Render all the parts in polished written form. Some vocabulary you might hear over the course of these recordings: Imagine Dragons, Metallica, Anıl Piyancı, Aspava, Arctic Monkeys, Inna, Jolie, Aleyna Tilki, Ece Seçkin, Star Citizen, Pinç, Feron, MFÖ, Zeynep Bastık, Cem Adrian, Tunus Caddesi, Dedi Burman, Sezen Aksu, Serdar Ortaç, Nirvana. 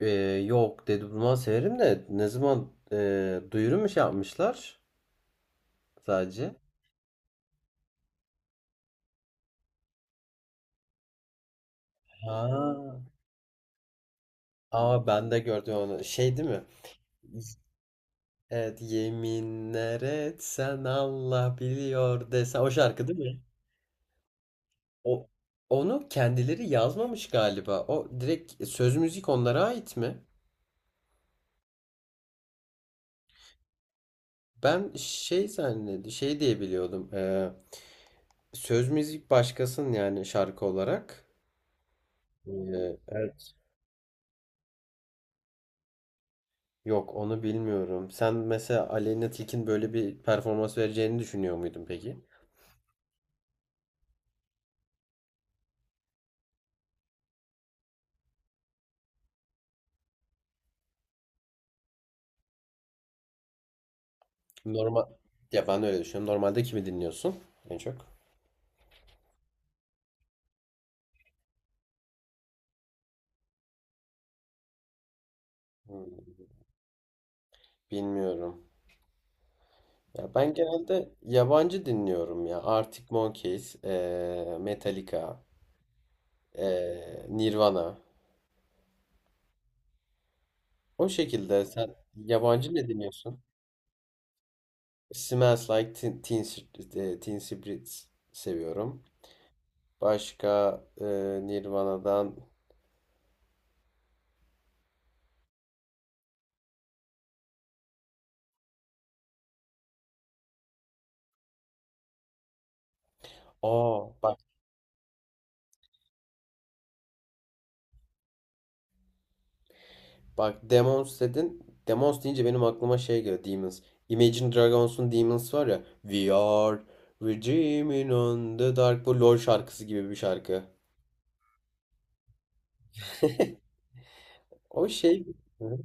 Ee, yok Dedi Burman severim de ne zaman duyuru mu şey yapmışlar sadece? Ha. Aa ben de gördüm onu. Şey değil mi? Evet yeminler etsen Allah biliyor desen o şarkı değil mi? O onu kendileri yazmamış galiba. O direkt söz müzik onlara ait mi? Ben şey zannedi şey diye biliyordum. Söz müzik başkasının yani şarkı olarak. Ee, evet. Yok onu bilmiyorum. Sen mesela Aleyna Tilki'nin böyle bir performans vereceğini düşünüyor muydun peki? Normal ya ben öyle düşünüyorum. Normalde kimi dinliyorsun en çok? Hmm, bilmiyorum. Ya ben genelde yabancı dinliyorum ya. Arctic Monkeys, Metallica, Nirvana. O şekilde sen yabancı ne dinliyorsun? Smells Like Teen Spirit seviyorum. Başka Nirvana'dan. Aa bak. Bak Demons dedin. Demons deyince benim aklıma şey geliyor. Demons. Imagine Dragons'un Demons var ya. We are redeeming on the dark. Bu LOL şarkısı gibi bir şarkı. O şey. Hı hı.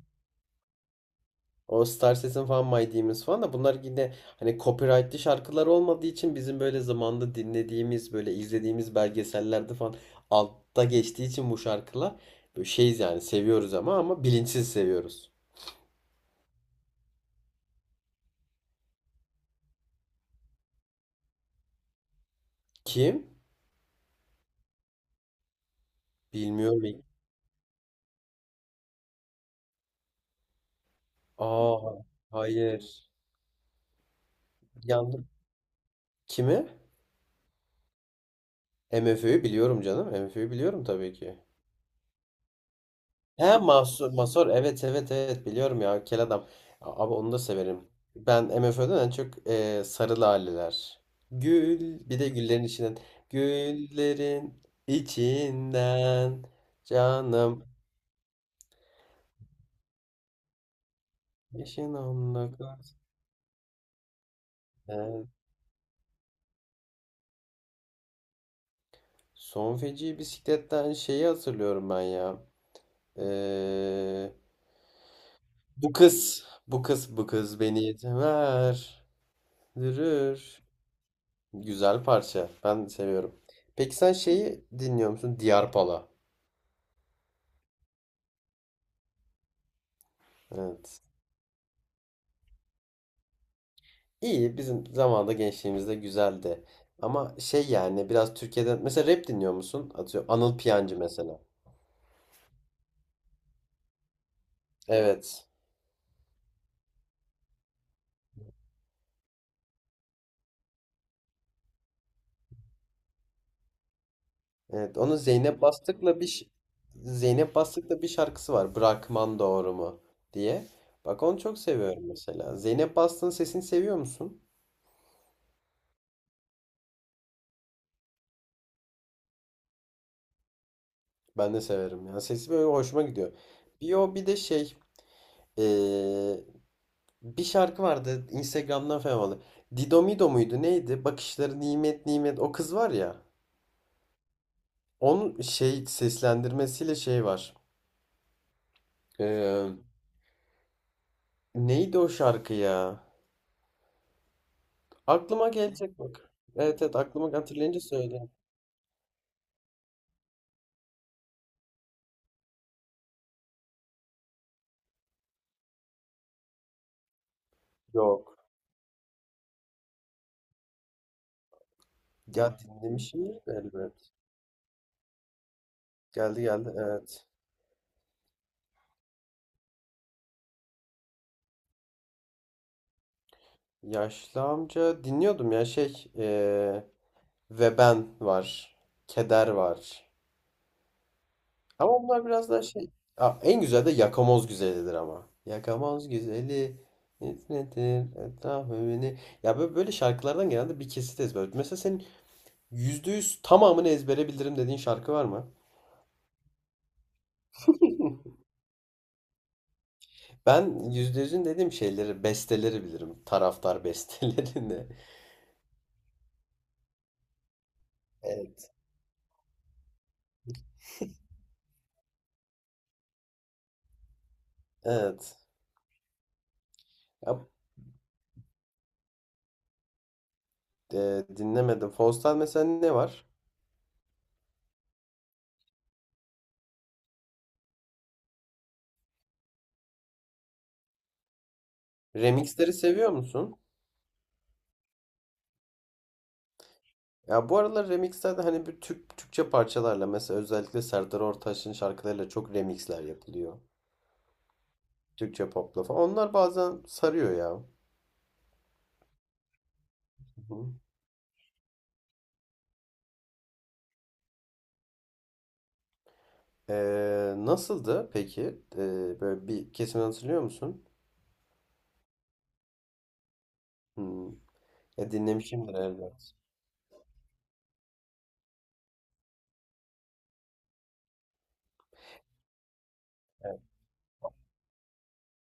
O Star Citizen falan My Demons falan da bunlar yine hani copyrightlı şarkılar olmadığı için bizim böyle zamanda dinlediğimiz böyle izlediğimiz belgesellerde falan altta geçtiği için bu şarkılar böyle şeyiz yani seviyoruz ama bilinçsiz seviyoruz. Kim? Bilmiyorum. Aa hayır. Yanlış. Kimi? MFÖ'yü biliyorum canım. MFÖ'yü biliyorum tabii ki. He Mahsur, Masor evet evet evet biliyorum ya kel adam. Abi onu da severim. Ben MFÖ'den en çok Sarı Laleler. Gül bir de güllerin içinden. Güllerin içinden canım. Yaşın onunla kız. Evet. Son feci bisikletten şeyi hatırlıyorum ben ya. Ee, bu kız beni yeter. Dürür. Güzel parça. Ben seviyorum. Peki sen şeyi dinliyor musun? Diyarpala. Evet. İyi. Bizim zamanda gençliğimizde güzeldi. Ama şey yani biraz Türkiye'den mesela rap dinliyor musun? Atıyorum Anıl Piyancı mesela. Evet. Evet. Onun Zeynep Bastık'la bir Zeynep Bastık'la bir şarkısı var. Bırakman doğru mu diye. Bak onu çok seviyorum mesela. Zeynep Bastık'ın sesini seviyor musun? Ben de severim. Yani sesi böyle hoşuma gidiyor. Bir o bir de şey eee, bir şarkı vardı Instagram'dan falan vardı. Didomido muydu neydi? Bakışları nimet nimet o kız var ya. Onun şey seslendirmesiyle şey var. Ee, neydi o şarkı ya? Aklıma gelecek bak. Evet evet aklıma hatırlayınca söyleyeyim. Yok. Ya dinlemişimdir de elbet. Geldi geldi evet. Yaşlı amca dinliyordum ya şey. Ve ben var. Keder var. Ama onlar biraz daha şey. Aa, en güzel de yakamoz güzelidir ama. Yakamoz güzeli. Net nedir etrafı beni. Ya böyle, böyle şarkılardan genelde bir kesit ezber. Mesela senin yüzde yüz tamamını ezbere bilirim dediğin şarkı var mı? Ben yüzde yüzün dediğim şeyleri, besteleri bilirim. Taraftar bestelerini. Evet. Evet. Ya, dinlemedim. Faust'tan mesela ne var? Remixleri seviyor musun? Ya bu aralar remixlerde hani Türkçe parçalarla mesela özellikle Serdar Ortaç'ın şarkılarıyla çok remixler yapılıyor. Türkçe popla falan. Onlar bazen sarıyor ya. Hı hı. Nasıldı peki? Böyle bir kesimini hatırlıyor musun? Hmm. Dinlemişimdir elbet.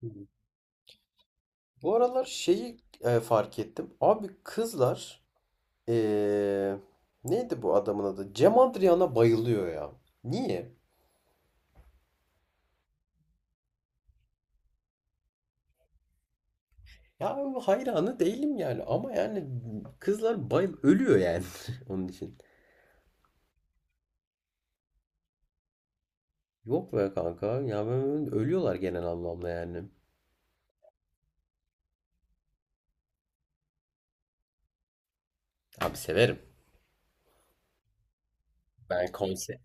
Hı hı. Bu aralar şeyi fark ettim. Abi kızlar ee, neydi bu adamın adı? Cem Adrian'a bayılıyor ya. Niye? Ya hayranı değilim yani ama yani kızlar bayıl ölüyor yani onun için. Yok be kanka ya ben ölüyorlar genel anlamda yani. Abi severim. Ben konser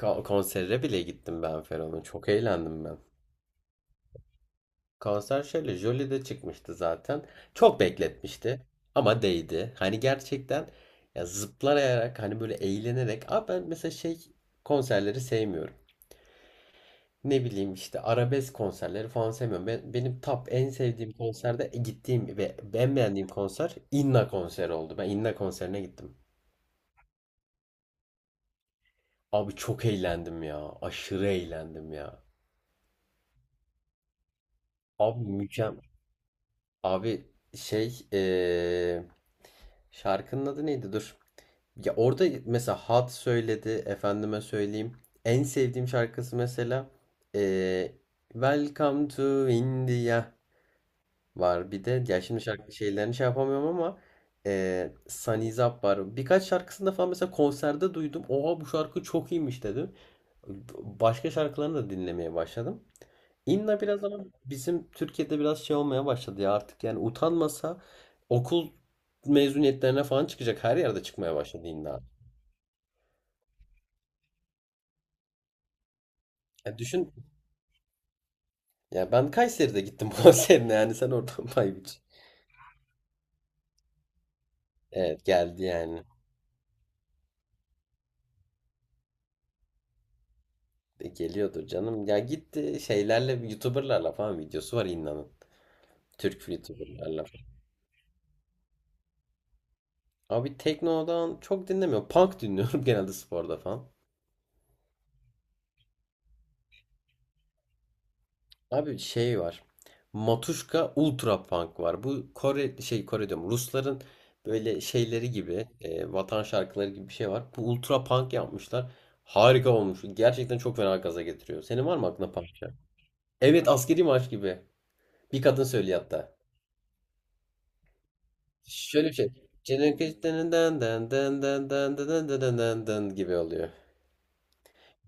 konsere bile gittim ben Feron'un. Çok eğlendim ben. Konser şöyle Jolie'de çıkmıştı zaten. Çok bekletmişti ama değdi. Hani gerçekten ya zıplayarak hani böyle eğlenerek. Abi ben mesela şey konserleri sevmiyorum. Ne bileyim işte arabesk konserleri falan sevmiyorum. Benim top en sevdiğim konserde gittiğim ve en beğendiğim konser Inna konseri oldu. Ben Inna konserine gittim. Abi çok eğlendim ya. Aşırı eğlendim ya. Abi mükemmel. Abi şey şarkının adı neydi? Dur. Ya orada mesela Hat söyledi. Efendime söyleyeyim. En sevdiğim şarkısı mesela eee Welcome to India. Var bir de ya şimdi şarkı şeylerini şey yapamıyorum ama Sunny Zap var. Birkaç şarkısında falan mesela konserde duydum. Oha bu şarkı çok iyiymiş dedim. Başka şarkılarını da dinlemeye başladım. İnna biraz ama bizim Türkiye'de biraz şey olmaya başladı ya artık yani utanmasa okul mezuniyetlerine falan çıkacak her yerde çıkmaya başladı Inna. Ya düşün ya ben Kayseri'de gittim konserine yani sen oradan pay biç. Evet geldi yani. Geliyordur canım. Ya gitti şeylerle YouTuber'larla falan videosu var İnna'nın. Türk YouTuber'larla falan. Abi Tekno'dan çok dinlemiyorum. Punk dinliyorum genelde sporda falan. Abi şey var. Matuşka Ultra Punk var. Bu Kore şey Kore diyorum. Rusların böyle şeyleri gibi vatan şarkıları gibi bir şey var. Bu Ultra Punk yapmışlar. Harika olmuş. Gerçekten çok fena gaza getiriyor. Senin var mı aklına punk şarkı? Evet askeri marş gibi. Bir kadın söylüyor hatta. Şöyle bir şey. Çınırkıştırından gibi oluyor.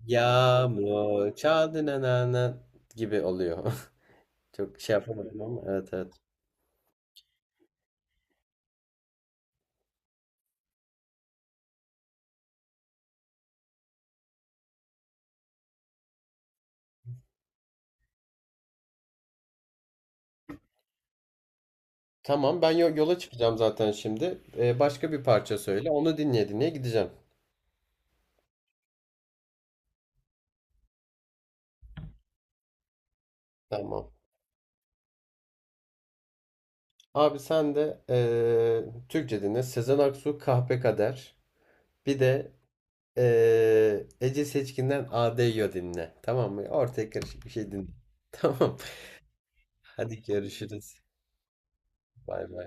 Yağmur çaldı nanana gibi oluyor. Çok şey yapamadım ama evet evet. Tamam ben yola çıkacağım zaten şimdi. Başka bir parça söyle. Onu dinleye dinleye gideceğim. Tamam. Abi sen de Türkçe dinle. Sezen Aksu Kahpe Kader. Bir de Ece Seçkin'den ADYO dinle. Tamam mı? Ortaya karışık bir şey dinle. Tamam. Hadi görüşürüz. Bay bay.